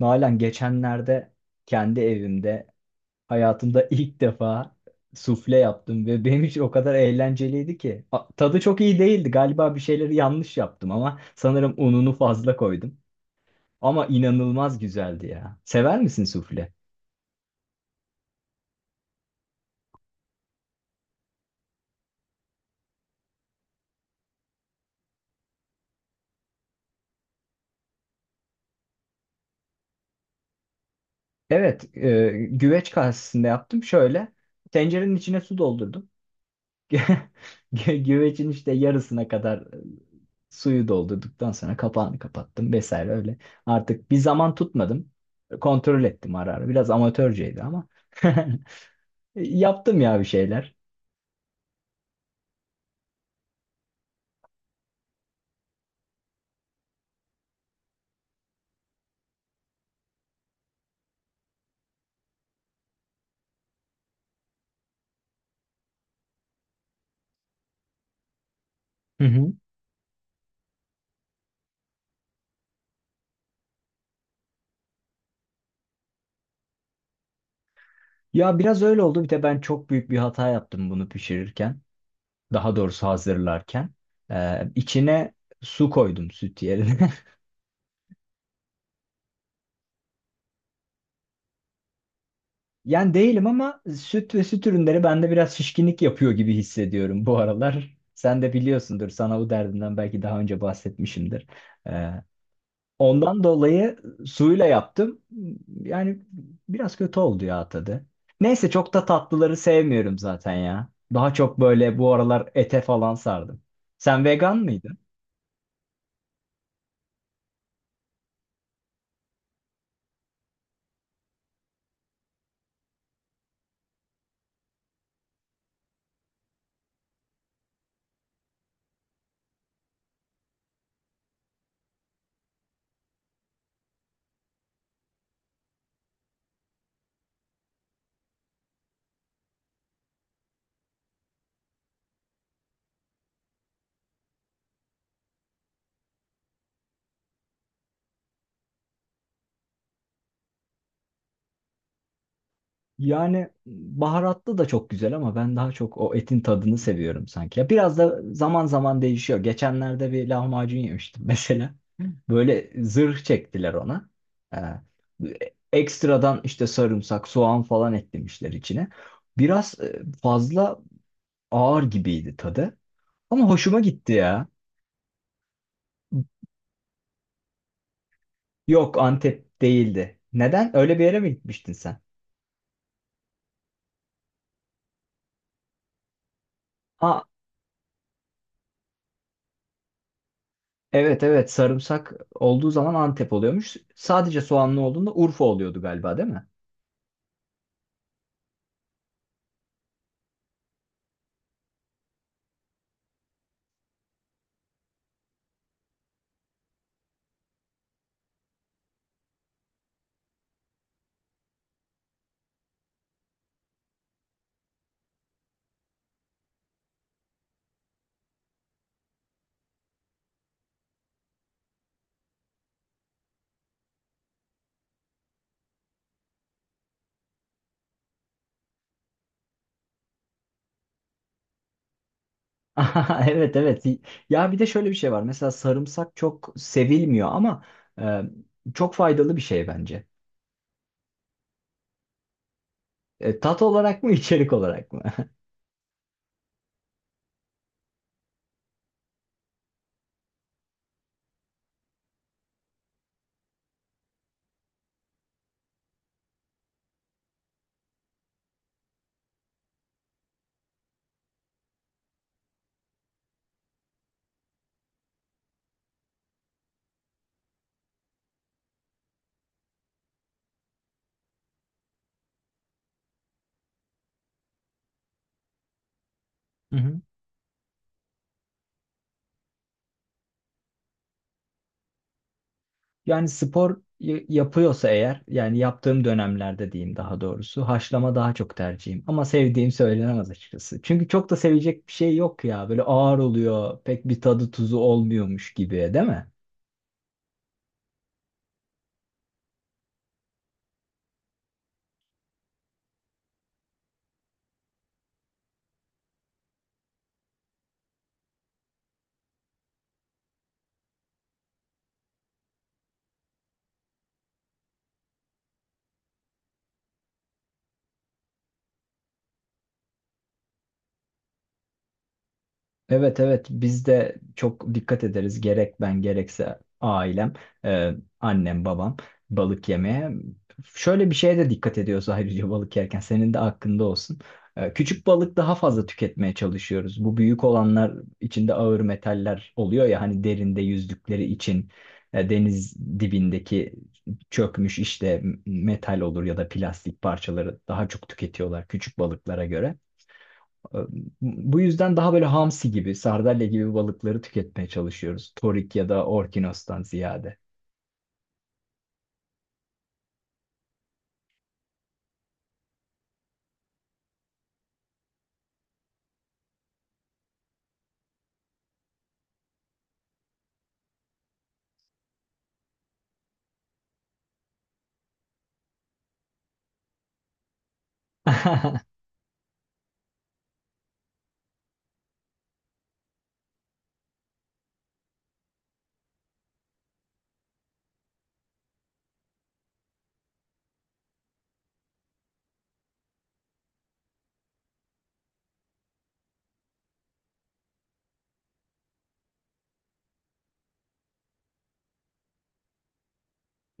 Nalan geçenlerde kendi evimde hayatımda ilk defa sufle yaptım ve benim için o kadar eğlenceliydi ki. Tadı çok iyi değildi. Galiba bir şeyleri yanlış yaptım ama sanırım ununu fazla koydum. Ama inanılmaz güzeldi ya. Sever misin sufle? Evet, güveç kasesinde yaptım. Şöyle tencerenin içine su doldurdum. Güvecin işte yarısına kadar suyu doldurduktan sonra kapağını kapattım vesaire öyle. Artık bir zaman tutmadım. Kontrol ettim ara ara. Biraz amatörceydi ama. Yaptım ya bir şeyler. Hı hı. Ya biraz öyle oldu. Bir de ben çok büyük bir hata yaptım bunu pişirirken. Daha doğrusu hazırlarken. İçine su koydum süt yerine. Yani değilim ama süt ve süt ürünleri bende biraz şişkinlik yapıyor gibi hissediyorum bu aralar. Sen de biliyorsundur. Sana bu derdinden belki daha önce bahsetmişimdir. Ee, Ondan dolayı suyla yaptım. Yani biraz kötü oldu ya tadı. Neyse çok da tatlıları sevmiyorum zaten ya. Daha çok böyle bu aralar ete falan sardım. Sen vegan mıydın? Yani baharatlı da çok güzel ama ben daha çok o etin tadını seviyorum sanki. Ya biraz da zaman zaman değişiyor. Geçenlerde bir lahmacun yemiştim mesela. Böyle zırh çektiler ona. Ee, ekstradan işte sarımsak, soğan falan eklemişler içine. Biraz fazla ağır gibiydi tadı. Ama hoşuma gitti ya. Yok Antep değildi. Neden? Öyle bir yere mi gitmiştin sen? Ha, evet evet, sarımsak olduğu zaman Antep oluyormuş. Sadece soğanlı olduğunda Urfa oluyordu galiba değil mi? Aha, evet evet. Ya bir de şöyle bir şey var. Mesela sarımsak çok sevilmiyor ama e, çok faydalı bir şey bence. E, tat olarak mı içerik olarak mı? Hı hı. Yani spor yapıyorsa eğer, yani yaptığım dönemlerde diyeyim daha doğrusu, haşlama daha çok tercihim. Ama sevdiğim söylenemez açıkçası. Çünkü çok da sevecek bir şey yok ya. Böyle ağır oluyor, pek bir tadı tuzu olmuyormuş gibi, değil mi? Evet evet, biz de çok dikkat ederiz gerek ben gerekse ailem, e, annem babam, balık yemeye. Şöyle bir şeye de dikkat ediyoruz ayrıca balık yerken senin de hakkında olsun. E, küçük balık daha fazla tüketmeye çalışıyoruz. Bu büyük olanlar içinde ağır metaller oluyor ya hani derinde yüzdükleri için deniz dibindeki çökmüş işte metal olur ya da plastik parçaları daha çok tüketiyorlar küçük balıklara göre. Ee, Bu yüzden daha böyle hamsi gibi, sardalya gibi balıkları tüketmeye çalışıyoruz. Torik ya da orkinostan ziyade.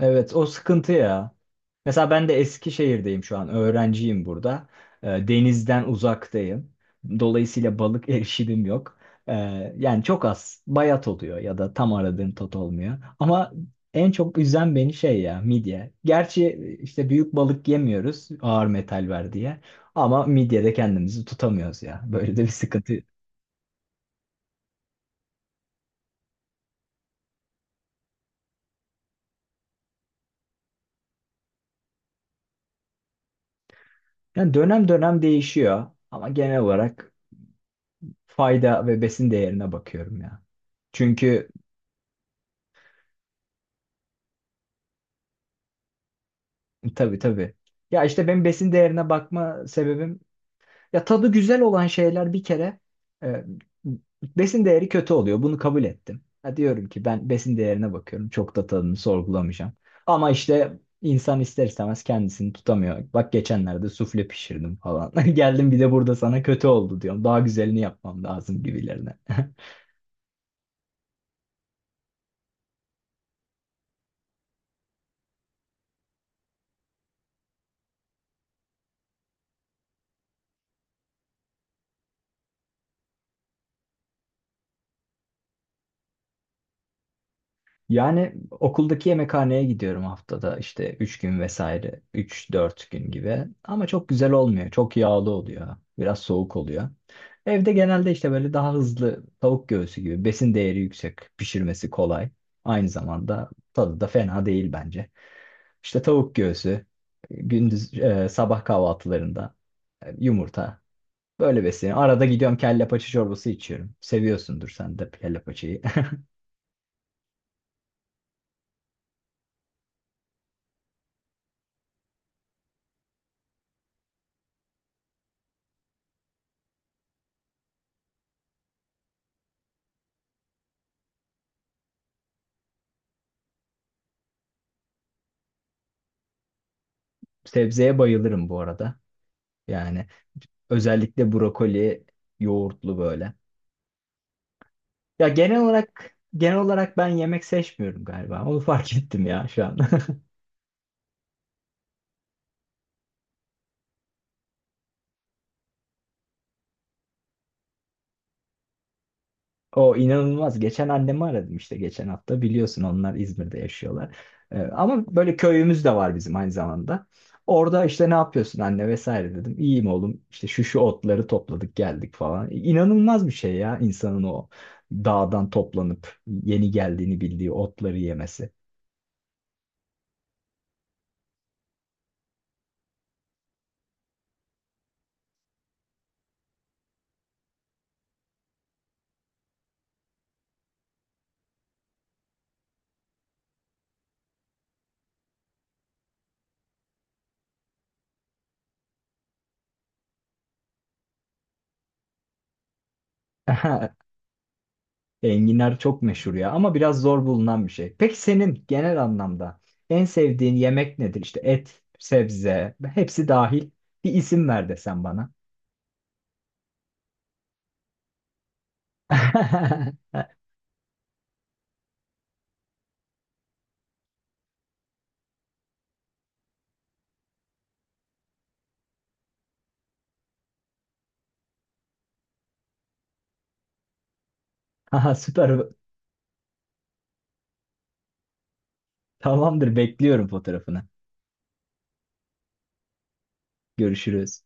Evet, o sıkıntı ya. Mesela ben de Eskişehir'deyim şu an. Öğrenciyim burada. Denizden uzaktayım. Dolayısıyla balık erişimim yok. Ee, Yani çok az. Bayat oluyor ya da tam aradığın tat olmuyor. Ama en çok üzen beni şey ya, midye. Gerçi işte büyük balık yemiyoruz ağır metal ver diye. Ama midyede kendimizi tutamıyoruz ya. Böyle de bir sıkıntı. Yani dönem dönem değişiyor. Ama genel olarak fayda ve besin değerine bakıyorum ya. Çünkü tabii tabii. Ya işte benim besin değerine bakma sebebim ya tadı güzel olan şeyler bir kere e, besin değeri kötü oluyor. Bunu kabul ettim. Ha, diyorum ki ben besin değerine bakıyorum. Çok da tadını sorgulamayacağım. Ama işte insan ister istemez kendisini tutamıyor. Bak geçenlerde sufle pişirdim falan. Geldim bir de burada sana kötü oldu diyorum. Daha güzelini yapmam lazım gibilerine. Yani okuldaki yemekhaneye gidiyorum haftada işte 3 gün vesaire, üç dört gün gibi, ama çok güzel olmuyor, çok yağlı oluyor, biraz soğuk oluyor. Evde genelde işte böyle daha hızlı tavuk göğsü gibi besin değeri yüksek, pişirmesi kolay, aynı zamanda tadı da fena değil bence. İşte tavuk göğsü, gündüz sabah kahvaltılarında yumurta, böyle besleniyorum. Arada gidiyorum kelle paça çorbası içiyorum, seviyorsundur sen de kelle paçayı. Sebzeye bayılırım bu arada. Yani özellikle brokoli, yoğurtlu böyle. Ya genel olarak genel olarak ben yemek seçmiyorum galiba. Onu fark ettim ya şu an. O inanılmaz. Geçen annemi aradım işte geçen hafta. Biliyorsun onlar İzmir'de yaşıyorlar. Ama böyle köyümüz de var bizim aynı zamanda. Orada işte ne yapıyorsun anne vesaire dedim. İyiyim oğlum. İşte şu şu otları topladık geldik falan. İnanılmaz bir şey ya insanın o dağdan toplanıp yeni geldiğini bildiği otları yemesi. Enginar çok meşhur ya ama biraz zor bulunan bir şey. Peki senin genel anlamda en sevdiğin yemek nedir? İşte et, sebze, hepsi dahil. Bir isim ver desen bana. Aha, süper. Tamamdır, bekliyorum fotoğrafını. Görüşürüz.